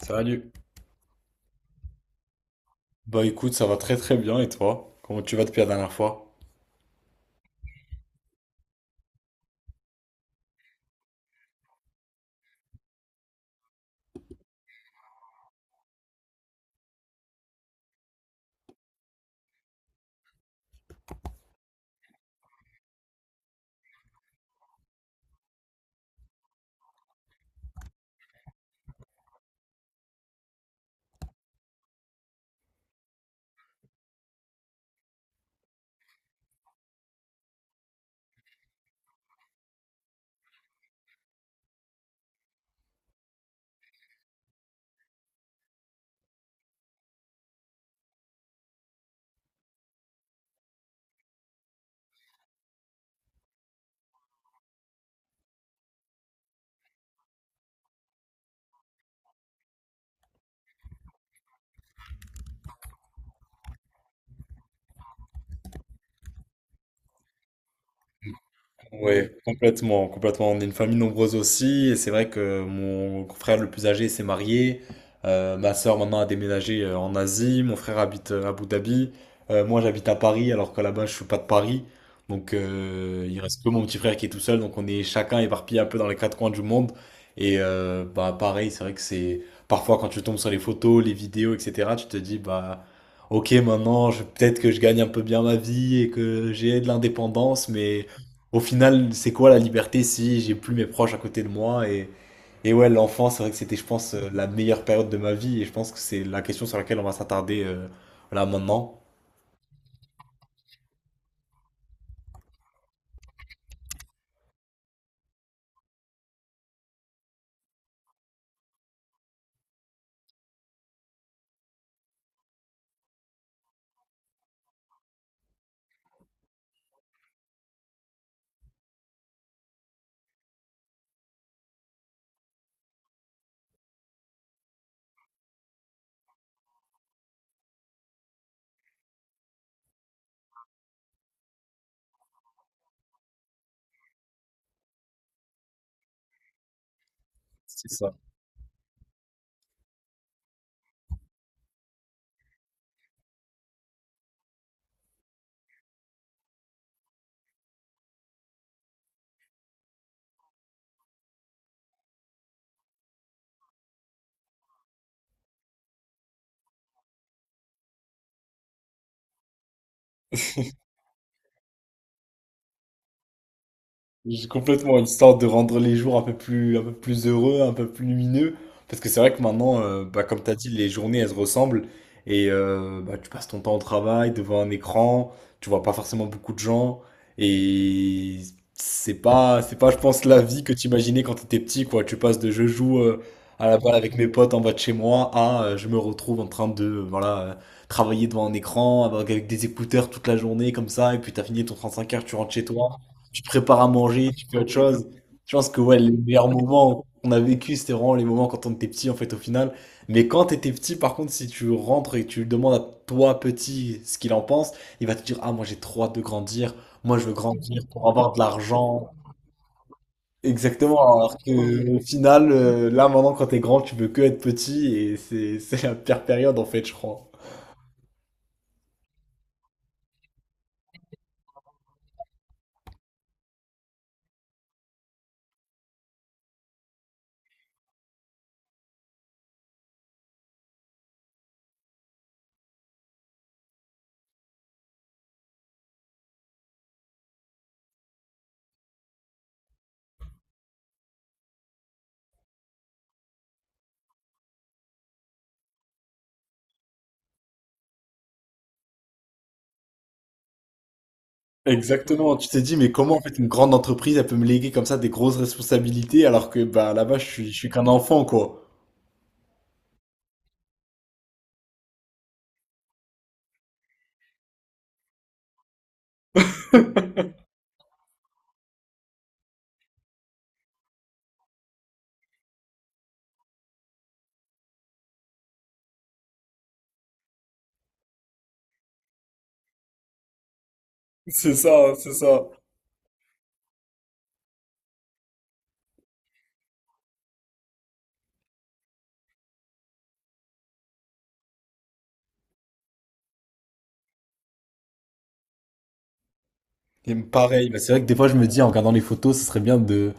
Salut. Bah écoute, ça va très très bien et toi? Comment tu vas depuis la dernière fois? Oui, complètement, complètement. On est une famille nombreuse aussi, et c'est vrai que mon frère le plus âgé s'est marié. Ma sœur maintenant a déménagé en Asie. Mon frère habite à Abu Dhabi. Moi, j'habite à Paris, alors que là-bas, je suis pas de Paris. Donc, il reste que mon petit frère qui est tout seul. Donc, on est chacun éparpillé un peu dans les quatre coins du monde. Et bah, pareil, c'est vrai que c'est parfois quand tu tombes sur les photos, les vidéos, etc. Tu te dis bah Ok, maintenant, peut-être que je gagne un peu bien ma vie et que j'ai de l'indépendance, mais au final, c'est quoi la liberté si j'ai plus mes proches à côté de moi et ouais, l'enfant, c'est vrai que c'était, je pense, la meilleure période de ma vie et je pense que c'est la question sur laquelle on va s'attarder là maintenant. C'est ça. J'ai complètement, histoire de rendre les jours un peu plus heureux, un peu plus lumineux. Parce que c'est vrai que maintenant, bah, comme tu as dit, les journées, elles se ressemblent. Et bah, tu passes ton temps au travail, devant un écran, tu vois pas forcément beaucoup de gens. Et c'est pas, je pense, la vie que tu imaginais quand tu étais petit, quoi. Tu passes de je joue à la balle avec mes potes en bas de chez moi à je me retrouve en train de, voilà, travailler devant un écran, avec des écouteurs toute la journée, comme ça. Et puis tu as fini ton 35 heures, tu rentres chez toi, tu prépares à manger, tu fais autre chose. Je pense que ouais, les meilleurs moments qu'on a vécu, c'était vraiment les moments quand on était petit, en fait, au final. Mais quand t'étais petit, par contre, si tu rentres et que tu lui demandes à toi, petit, ce qu'il en pense, il va te dire, ah, moi, j'ai trop hâte de grandir. Moi, je veux grandir pour avoir de l'argent. Exactement. Alors que, au final, là, maintenant, quand t'es grand, tu veux que être petit et c'est, c'est la pire période, en fait, je crois. Exactement, tu t'es dit, mais comment en fait une grande entreprise elle peut me léguer comme ça des grosses responsabilités alors que bah là-bas je suis qu'un enfant quoi. C'est ça, c'est ça. Et pareil, bah, c'est vrai que des fois je me dis en regardant les photos, ce serait bien de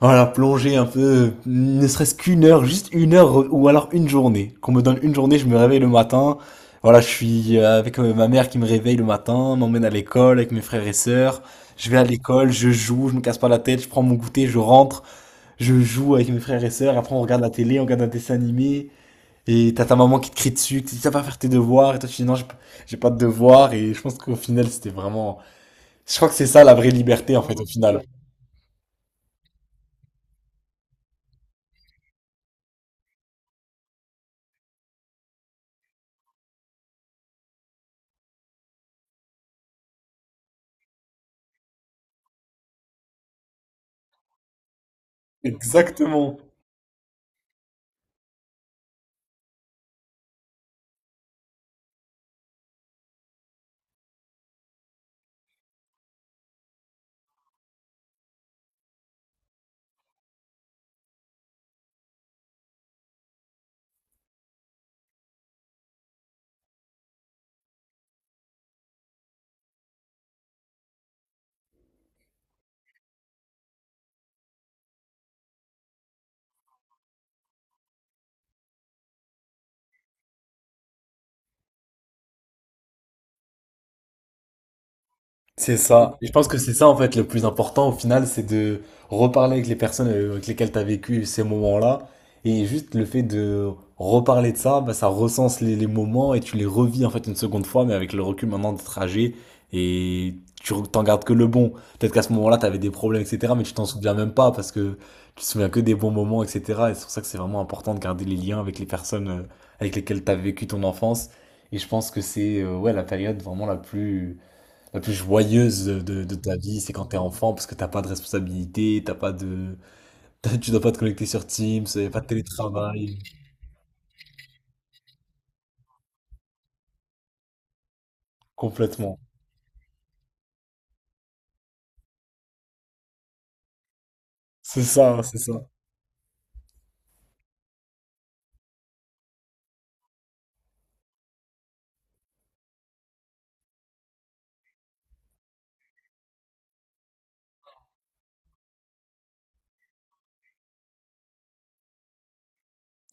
voilà, plonger un peu, ne serait-ce qu'une heure, juste une heure ou alors une journée. Qu'on me donne une journée, je me réveille le matin. Voilà, je suis avec ma mère qui me réveille le matin, m'emmène à l'école avec mes frères et sœurs. Je vais à l'école, je joue, je me casse pas la tête, je prends mon goûter, je rentre. Je joue avec mes frères et sœurs, après on regarde la télé, on regarde un dessin animé, et t'as ta maman qui te crie dessus, qui te dit ça va faire tes devoirs, et toi tu dis non, j'ai pas de devoirs, et je pense qu'au final c'était vraiment. Je crois que c'est ça la vraie liberté en fait, au final. Exactement. C'est ça. Et je pense que c'est ça, en fait, le plus important au final, c'est de reparler avec les personnes avec lesquelles tu as vécu ces moments-là. Et juste le fait de reparler de ça, bah, ça recense les moments et tu les revis, en fait, une seconde fois, mais avec le recul maintenant des trajets. Et t'en gardes que le bon. Peut-être qu'à ce moment-là, tu avais des problèmes, etc. Mais tu t'en souviens même pas parce que tu te souviens que des bons moments, etc. Et c'est pour ça que c'est vraiment important de garder les liens avec les personnes avec lesquelles tu as vécu ton enfance. Et je pense que c'est ouais, la période vraiment la plus joyeuse de ta vie, c'est quand t'es enfant, parce que t'as pas de responsabilité, t'as pas de... t'as- tu dois pas te connecter sur Teams, y a pas de télétravail, complètement. C'est ça, c'est ça.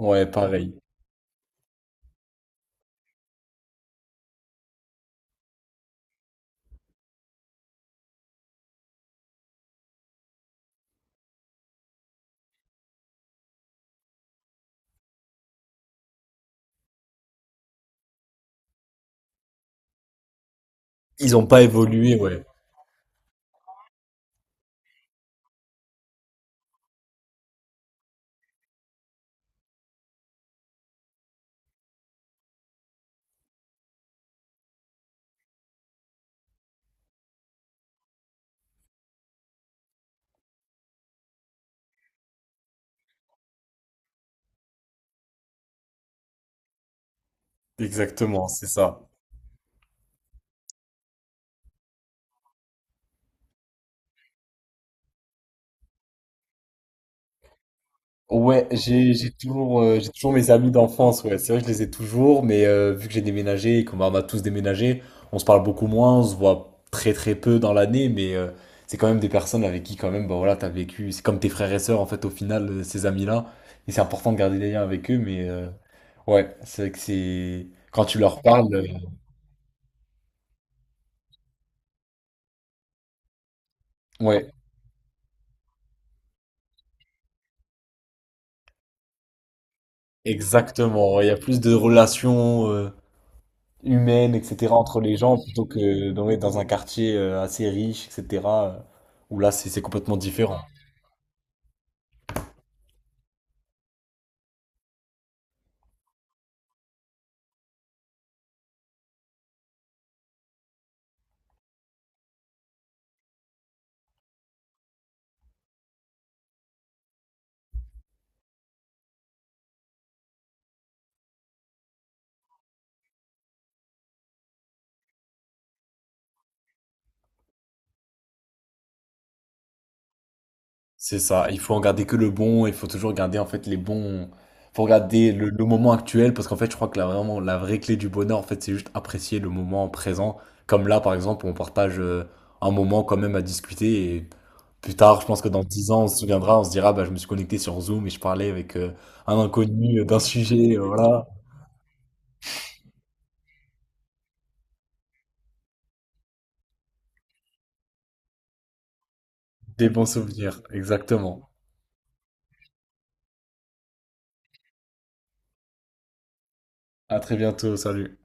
Ouais, pareil. Ils ont pas évolué, ouais. Exactement, c'est ça. Ouais, j'ai toujours j'ai toujours mes amis d'enfance, ouais. C'est vrai que je les ai toujours, mais vu que j'ai déménagé et on a tous déménagé, on se parle beaucoup moins, on se voit très très peu dans l'année, mais c'est quand même des personnes avec qui quand même bah voilà, t'as vécu, c'est comme tes frères et sœurs en fait au final ces amis-là, et c'est important de garder des liens avec eux, mais ouais, c'est vrai que c'est quand tu leur parles, ouais, exactement, il y a plus de relations, humaine, etc., entre les gens, plutôt que dans, ouais, dans un quartier assez riche, etc., euh, où là, c'est complètement différent. C'est ça, il faut en garder que le bon, il faut toujours garder en fait les bons... Faut regarder le moment actuel, parce qu'en fait, je crois que la, vraiment, la vraie clé du bonheur, en fait, c'est juste apprécier le moment présent. Comme là, par exemple, on partage un moment quand même à discuter, et plus tard, je pense que dans 10 ans, on se souviendra, on se dira, bah, je me suis connecté sur Zoom et je parlais avec un inconnu d'un sujet, voilà, des bons souvenirs, exactement. À très bientôt. Salut.